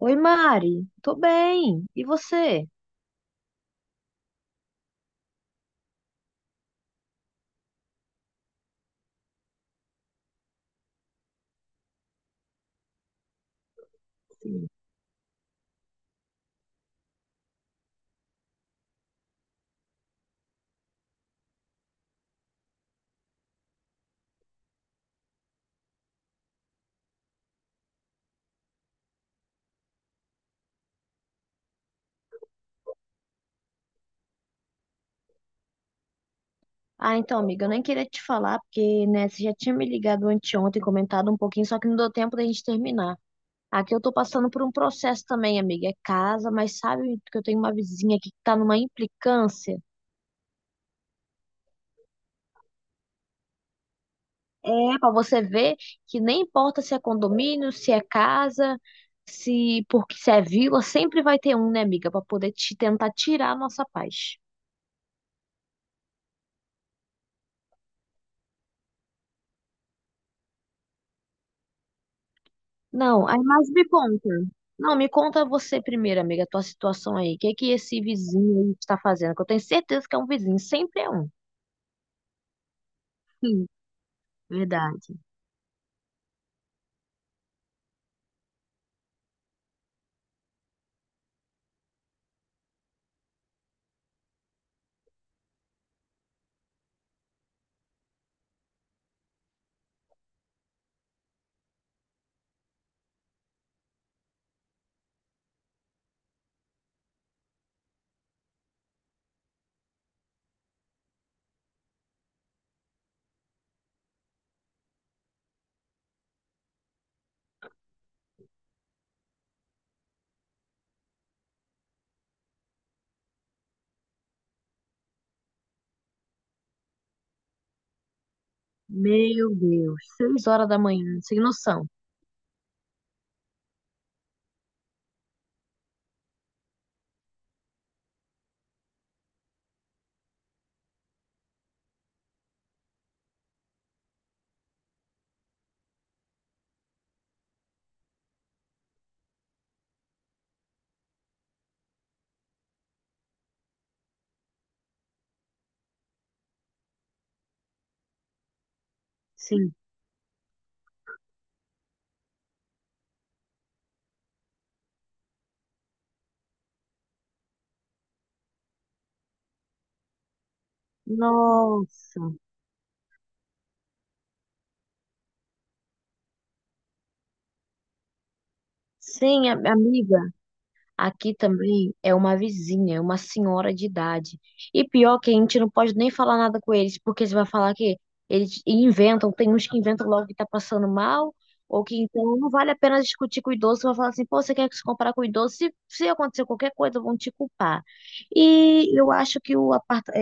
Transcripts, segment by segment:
Oi, Mari. Tô bem. E você? Sim. Ah, então, amiga, eu nem queria te falar, porque, né, você já tinha me ligado anteontem, comentado um pouquinho, só que não deu tempo da gente terminar. Aqui eu tô passando por um processo também, amiga. É casa, mas sabe que eu tenho uma vizinha aqui que tá numa implicância? É, pra você ver que nem importa se é condomínio, se é casa, se porque se é vila, sempre vai ter um, né, amiga, pra poder te tentar tirar a nossa paz. Não, aí mais me conta. Não, me conta você primeiro, amiga, a tua situação aí. O que é que esse vizinho aí está fazendo? Que eu tenho certeza que é um vizinho, sempre é um. Sim, verdade. Meu Deus, 6 horas da manhã, sem noção. Sim. Nossa. Sim, amiga. Aqui também é uma vizinha, é uma senhora de idade. E pior que a gente não pode nem falar nada com eles, porque você vai falar que eles inventam, tem uns que inventam logo que tá passando mal, ou que então não vale a pena discutir com o idoso. Você vai falar assim, pô, você quer se comparar com o idoso? Se acontecer qualquer coisa, vão te culpar. E eu acho que o apartamento,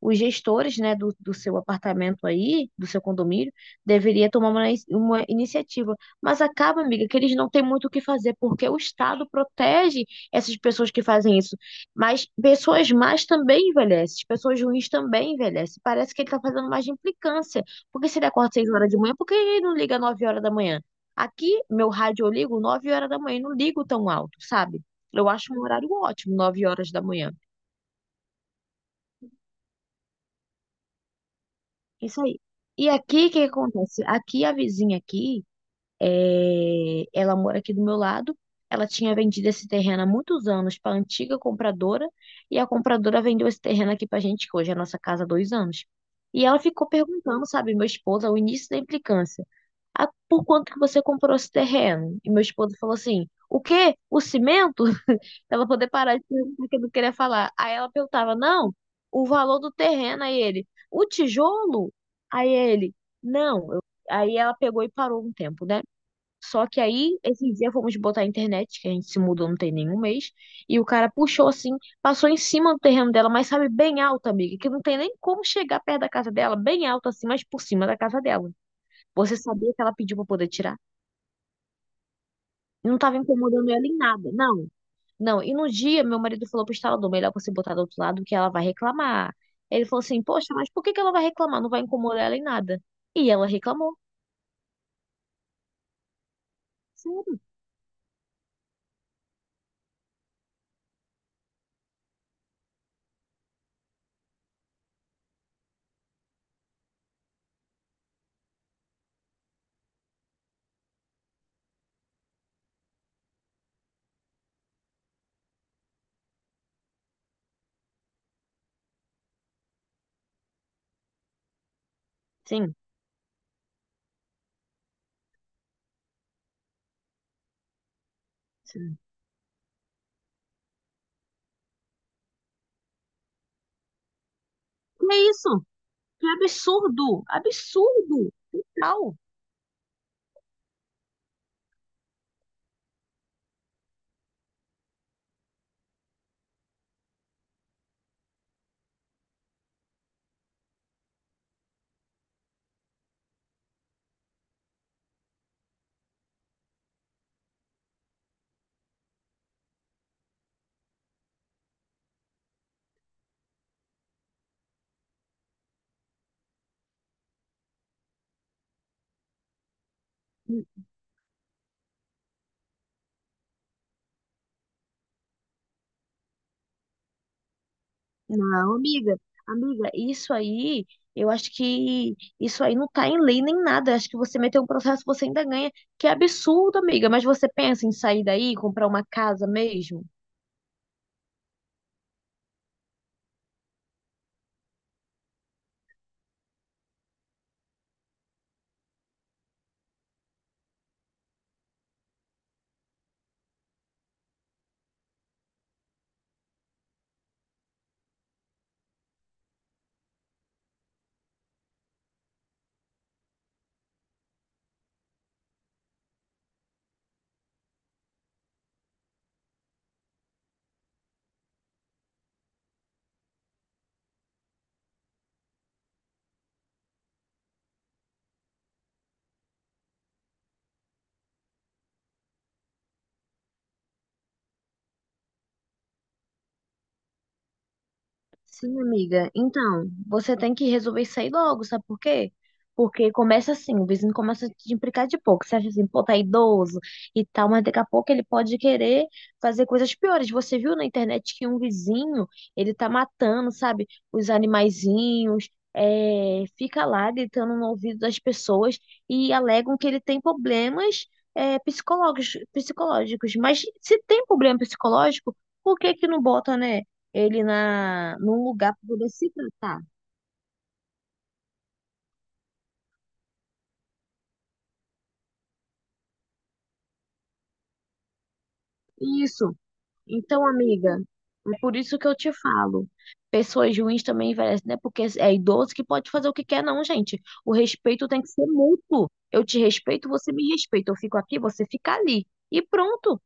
os gestores, né, do seu apartamento aí, do seu condomínio, deveria tomar uma, uma iniciativa. Mas acaba, amiga, que eles não têm muito o que fazer, porque o Estado protege essas pessoas que fazem isso. Mas pessoas más também envelhecem, pessoas ruins também envelhecem. Parece que ele está fazendo mais de implicância. Porque se ele acorda 6 horas de manhã, por que ele não liga 9 horas da manhã? Aqui, meu rádio eu ligo 9 horas da manhã, e não ligo tão alto, sabe? Eu acho um horário ótimo, 9 horas da manhã. Isso aí. E aqui, o que que acontece? Aqui, a vizinha aqui, é, ela mora aqui do meu lado. Ela tinha vendido esse terreno há muitos anos para a antiga compradora. E a compradora vendeu esse terreno aqui para a gente, que hoje é a nossa casa há 2 anos. E ela ficou perguntando, sabe, meu esposo, ao início da implicância, ah, por quanto que você comprou esse terreno? E meu esposo falou assim, o quê? O cimento? Pra ela poder parar de perguntar o que ele queria falar. Aí ela perguntava, não, o valor do terreno, aí ele, o tijolo? Aí ele, não. Eu- aí ela pegou e parou um tempo, né? Só que aí, esses dias fomos botar a internet, que a gente se mudou não tem nenhum mês, e o cara puxou assim, passou em cima do terreno dela, mas sabe, bem alto, amiga, que não tem nem como chegar perto da casa dela, bem alto assim, mas por cima da casa dela. Você sabia que ela pediu pra poder tirar? Não tava incomodando ela em nada, não. Não, e no dia meu marido falou pro instalador, melhor você botar do outro lado que ela vai reclamar. Ele falou assim, poxa, mas por que que ela vai reclamar? Não vai incomodar ela em nada. E ela reclamou. Sim, sim, sim. Que é isso? Que absurdo! Absurdo! Total! N- Não, amiga, isso aí, eu acho que isso aí não tá em lei nem nada. Acho que você meteu um processo, você ainda ganha. Que absurdo, amiga. Mas você pensa em sair daí, comprar uma casa mesmo? Sim, amiga. Então, você tem que resolver isso aí logo, sabe por quê? Porque começa assim, o vizinho começa a te implicar de pouco. Você acha assim, pô, tá idoso e tal, mas daqui a pouco ele pode querer fazer coisas piores. Você viu na internet que um vizinho, ele tá matando, sabe, os animaizinhos, é, fica lá gritando no ouvido das pessoas e alegam que ele tem problemas, é, psicológicos, psicológicos. Mas se tem problema psicológico, por que que não bota, né, ele na num lugar para poder se tratar? Isso. Então, amiga, é por isso que eu te falo. Pessoas ruins também envelhecem, né? Porque é idoso que pode fazer o que quer, não, gente. O respeito tem que ser mútuo. Eu te respeito, você me respeita. Eu fico aqui, você fica ali. E pronto.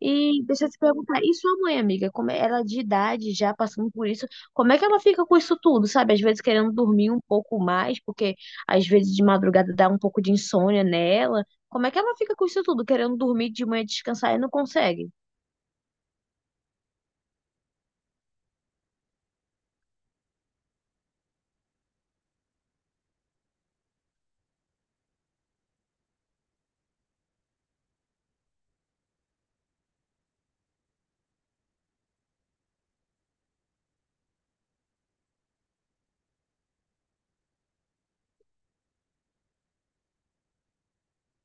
E deixa eu te perguntar, e sua mãe, amiga, como é- ela de idade já passando por isso, como é que ela fica com isso tudo, sabe? Às vezes querendo dormir um pouco mais, porque às vezes de madrugada dá um pouco de insônia nela. Como é que ela fica com isso tudo, querendo dormir de manhã descansar e não consegue?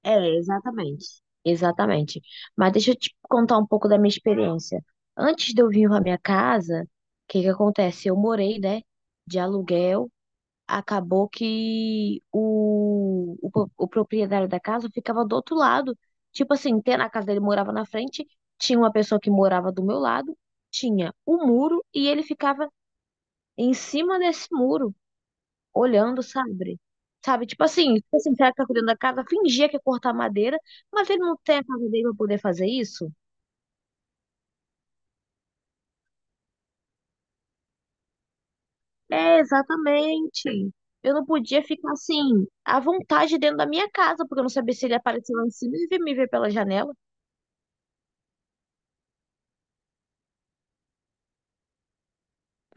É, exatamente. Exatamente. Mas deixa eu te contar um pouco da minha experiência. Antes de eu vir para minha casa, o que que acontece? Eu morei, né, de aluguel, acabou que o proprietário da casa ficava do outro lado. Tipo assim, na casa dele morava na frente, tinha uma pessoa que morava do meu lado, tinha o muro e ele ficava em cima desse muro, olhando, sabe? Sabe, tipo assim, será que tá cuidando da casa? Fingia que ia cortar madeira, mas ele não tem a casa dele pra poder fazer isso? É, exatamente. Eu não podia ficar assim, à vontade dentro da minha casa, porque eu não sabia se ele apareceu lá em cima e ia me ver pela janela.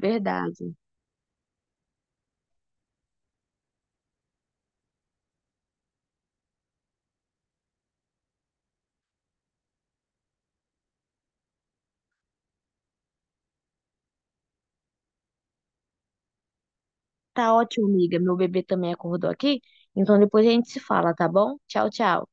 Verdade. Tá ótimo, amiga. Meu bebê também acordou aqui. Então depois a gente se fala, tá bom? Tchau, tchau.